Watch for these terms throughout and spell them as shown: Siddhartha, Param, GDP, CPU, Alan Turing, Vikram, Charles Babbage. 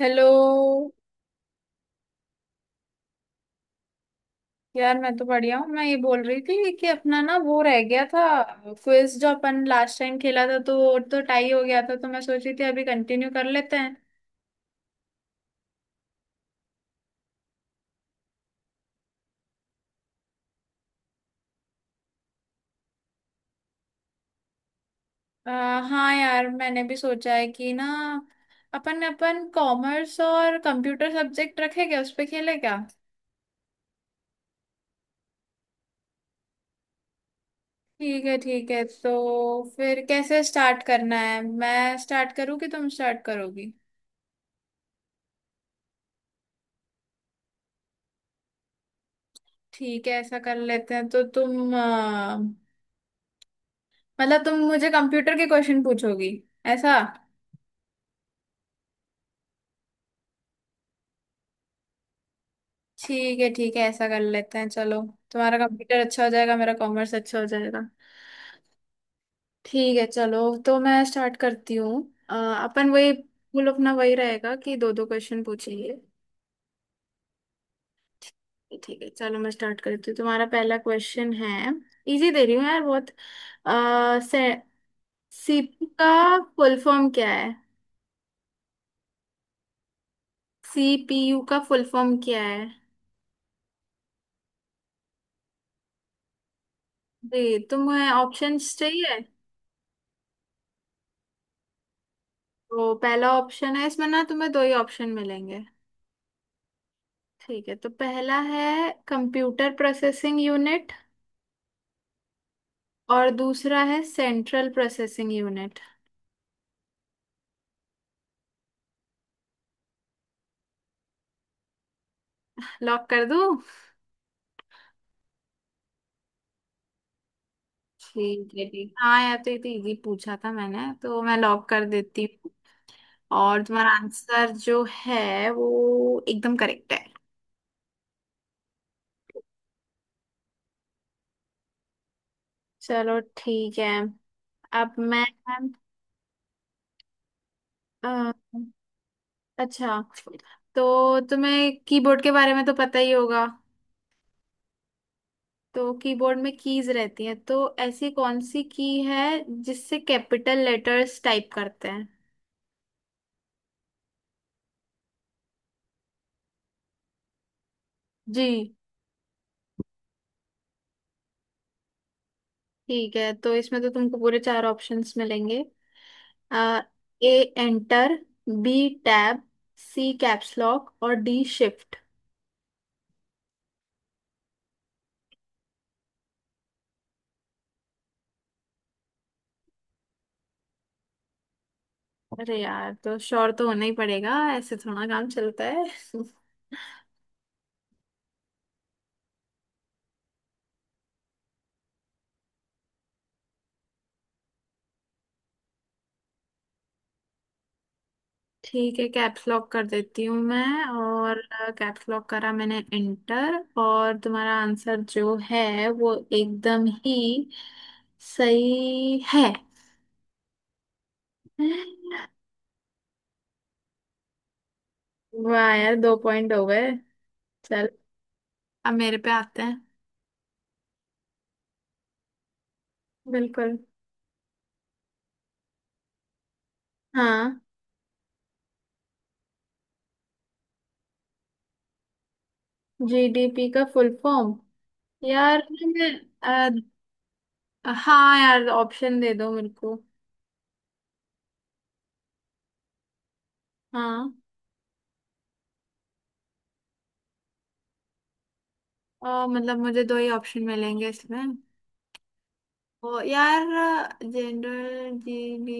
Hello. यार मैं तो बढ़िया हूँ। मैं ये बोल रही थी कि अपना ना वो रह गया था। क्विज जो अपन लास्ट टाइम खेला था तो वो तो टाई हो गया था तो मैं सोच रही थी अभी कंटिन्यू कर लेते हैं। हाँ यार मैंने भी सोचा है कि ना अपन अपन कॉमर्स और कंप्यूटर सब्जेक्ट रखे क्या उस पे खेले क्या। ठीक है ठीक है। तो फिर कैसे स्टार्ट करना है, मैं स्टार्ट करूँ कि तुम स्टार्ट करोगी। ठीक है ऐसा कर लेते हैं तो तुम मतलब तुम मुझे कंप्यूटर के क्वेश्चन पूछोगी ऐसा। ठीक है ऐसा कर लेते हैं चलो। तुम्हारा कंप्यूटर अच्छा हो जाएगा, मेरा कॉमर्स अच्छा हो जाएगा। ठीक है चलो तो मैं स्टार्ट करती हूँ। अपन वही पूल अपना वही रहेगा कि दो दो क्वेश्चन पूछेंगे। ठीक ठीक है चलो मैं स्टार्ट करती हूँ। तुम्हारा पहला क्वेश्चन है, इजी दे रही हूँ यार बहुत। आ, से, सीपीयू का फुल फॉर्म क्या है। सीपीयू का फुल फॉर्म क्या है। जी तुम्हें ऑप्शंस चाहिए। तो पहला ऑप्शन है, इसमें ना तुम्हें दो ही ऑप्शन मिलेंगे। ठीक है तो पहला है कंप्यूटर प्रोसेसिंग यूनिट और दूसरा है सेंट्रल प्रोसेसिंग यूनिट। लॉक कर दूं। ठीक है ठीक हाँ यार। तो ये तो इजी पूछा था मैंने, तो मैं लॉक कर देती हूँ। और तुम्हारा आंसर जो है वो एकदम करेक्ट है। चलो ठीक है। अब मैं अ, अच्छा तो तुम्हें कीबोर्ड के बारे में तो पता ही होगा। तो कीबोर्ड में कीज रहती हैं, तो ऐसी कौन सी की है जिससे कैपिटल लेटर्स टाइप करते हैं। जी। ठीक है तो इसमें तो तुमको पूरे चार ऑप्शंस मिलेंगे। आ, A enter, B tab, C caps lock और डी शिफ्ट। अरे यार तो श्योर तो होना ही पड़ेगा, ऐसे थोड़ा काम चलता है। ठीक है कैप्स लॉक कर देती हूँ मैं। और कैप्स लॉक करा मैंने एंटर। और तुम्हारा आंसर जो है वो एकदम ही सही है। वाह यार दो पॉइंट हो गए। चल अब मेरे पे आते हैं। बिल्कुल। हाँ जीडीपी का फुल फॉर्म। यार मैं अ, हाँ यार ऑप्शन दे दो मेरे को। हाँ। मतलब मुझे दो ही ऑप्शन मिलेंगे इसमें। ओ यार जनरल जीडी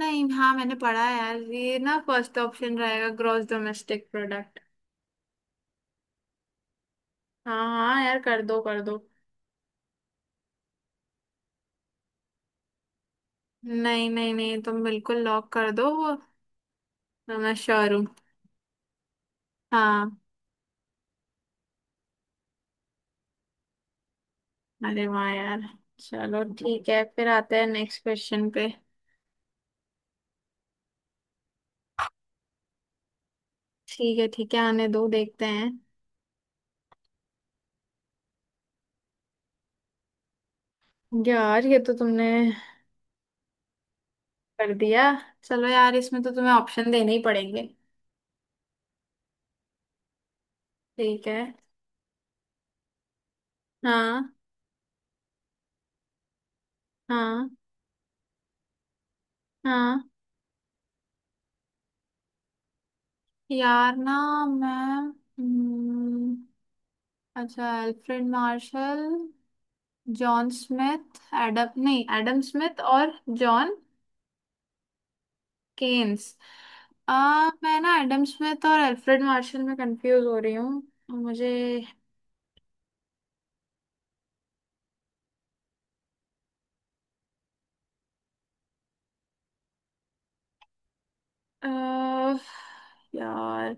नहीं। हाँ मैंने पढ़ा है यार ये ना फर्स्ट ऑप्शन रहेगा ग्रॉस डोमेस्टिक प्रोडक्ट। हाँ हाँ यार कर दो कर दो। नहीं नहीं नहीं तुम बिल्कुल लॉक कर दो वो, मैं श्योर हूँ। हाँ। अरे वाह यार। चलो ठीक है फिर आते हैं नेक्स्ट क्वेश्चन पे। ठीक है आने दो देखते हैं। यार ये तो तुमने कर दिया। चलो यार इसमें तो तुम्हें ऑप्शन देने ही पड़ेंगे। ठीक है। हाँ हाँ हाँ। यार ना मैं हम्म, अच्छा Alfred Marshall John Smith Adam नहीं एडम स्मिथ और जॉन केन्स। मैं ना एडम स्मिथ और अल्फ्रेड मार्शल में कंफ्यूज हो रही हूँ मुझे। आ, यार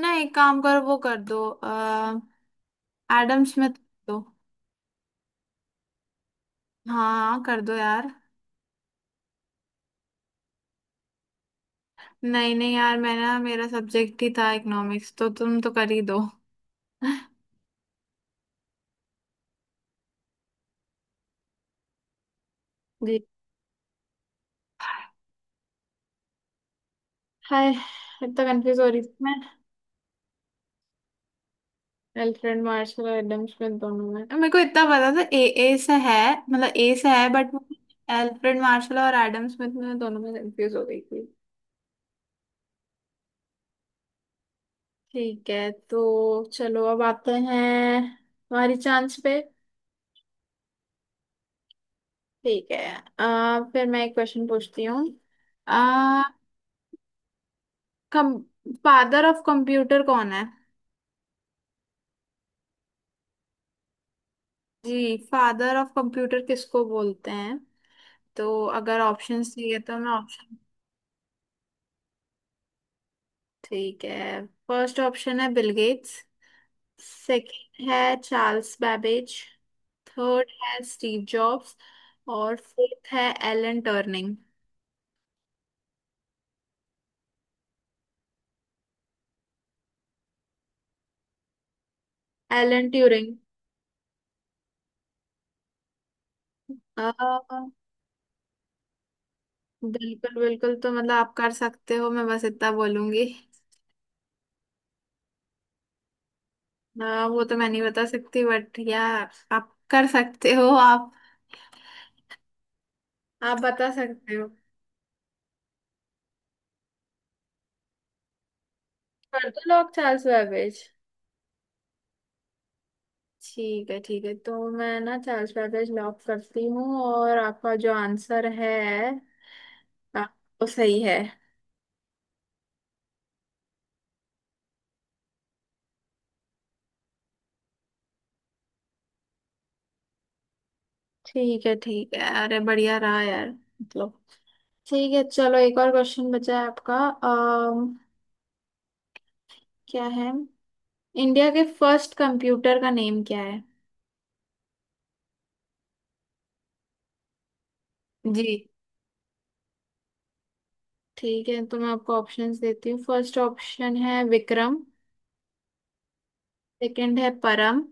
ना एक काम करो वो कर दो एडम स्मिथ कर दो। हाँ कर दो यार। नहीं नहीं यार मैं ना मेरा सब्जेक्ट ही था इकोनॉमिक्स, तो तुम तो कर ही दो। जी। हाय इतना कंफ्यूज हो रही थी मैं। अल्फ्रेड मार्शल और एडम स्मिथ दोनों में मेरे को इतना पता था ए, ए से है, मतलब ए से है बट अल्फ्रेड मार्शल और एडम स्मिथ में दोनों में कंफ्यूज हो गई थी। ठीक है तो चलो अब आते हैं हमारी चांस पे। ठीक है। फिर मैं एक क्वेश्चन पूछती हूँ। आ, कम फादर ऑफ कंप्यूटर कौन है। जी फादर ऑफ कंप्यूटर किसको बोलते हैं। तो अगर ऑप्शन चाहिए तो मैं ऑप्शन। ठीक है फर्स्ट ऑप्शन है बिल गेट्स, सेकंड है चार्ल्स बैबेज, थर्ड है स्टीव जॉब्स और फोर्थ है एलन टर्निंग। Alan Turing. अ, बिल्कुल बिल्कुल तो मतलब आप कर सकते हो, मैं बस इतना बोलूंगी। वो तो मैं नहीं बता सकती बट या आप कर सकते हो, आप बता सकते हो। कर दो लॉक चार्ल्स बैबेज। ठीक है तो मैं ना चार्ल्स बैबेज लॉक करती हूँ और आपका जो आंसर है आ, वो सही है। ठीक है ठीक है अरे बढ़िया रहा यार मतलब। ठीक है चलो एक और क्वेश्चन बचा है आपका। अम, क्या है, इंडिया के फर्स्ट कंप्यूटर का नेम क्या है। जी। ठीक है तो मैं आपको ऑप्शंस देती हूँ। फर्स्ट ऑप्शन है विक्रम, सेकंड है परम,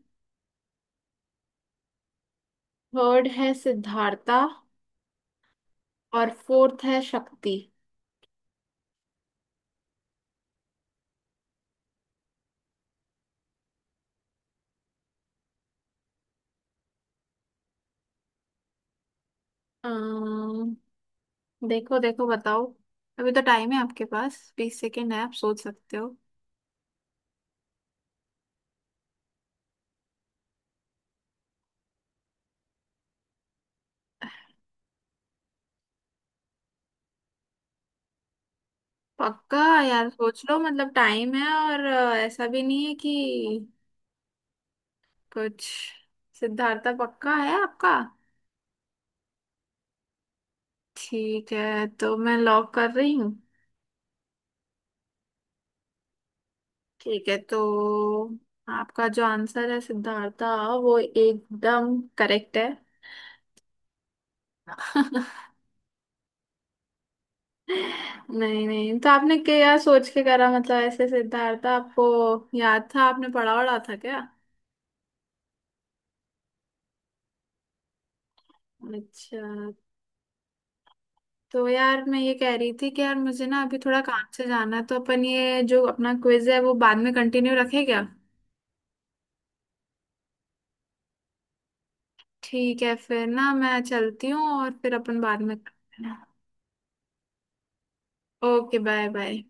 थर्ड है सिद्धार्था और फोर्थ है शक्ति। देखो देखो बताओ। अभी तो टाइम है आपके पास, 20 सेकेंड है, आप सोच सकते हो। पक्का। यार सोच लो मतलब टाइम है और ऐसा भी नहीं है कि कुछ। सिद्धार्थ पक्का है आपका। ठीक है तो मैं लॉक कर रही हूँ। ठीक है तो आपका जो आंसर है सिद्धार्था वो एकदम करेक्ट है। नहीं नहीं तो आपने क्या सोच के करा मतलब, ऐसे सिद्धार्थ आपको याद था, आपने पढ़ा वढ़ा था क्या। अच्छा तो यार मैं ये कह रही थी कि यार मुझे ना अभी थोड़ा काम से जाना है तो अपन ये जो अपना क्विज है वो बाद में कंटिन्यू रखें क्या। ठीक है फिर ना मैं चलती हूँ और फिर अपन बाद में करते हैं। Okay bye bye.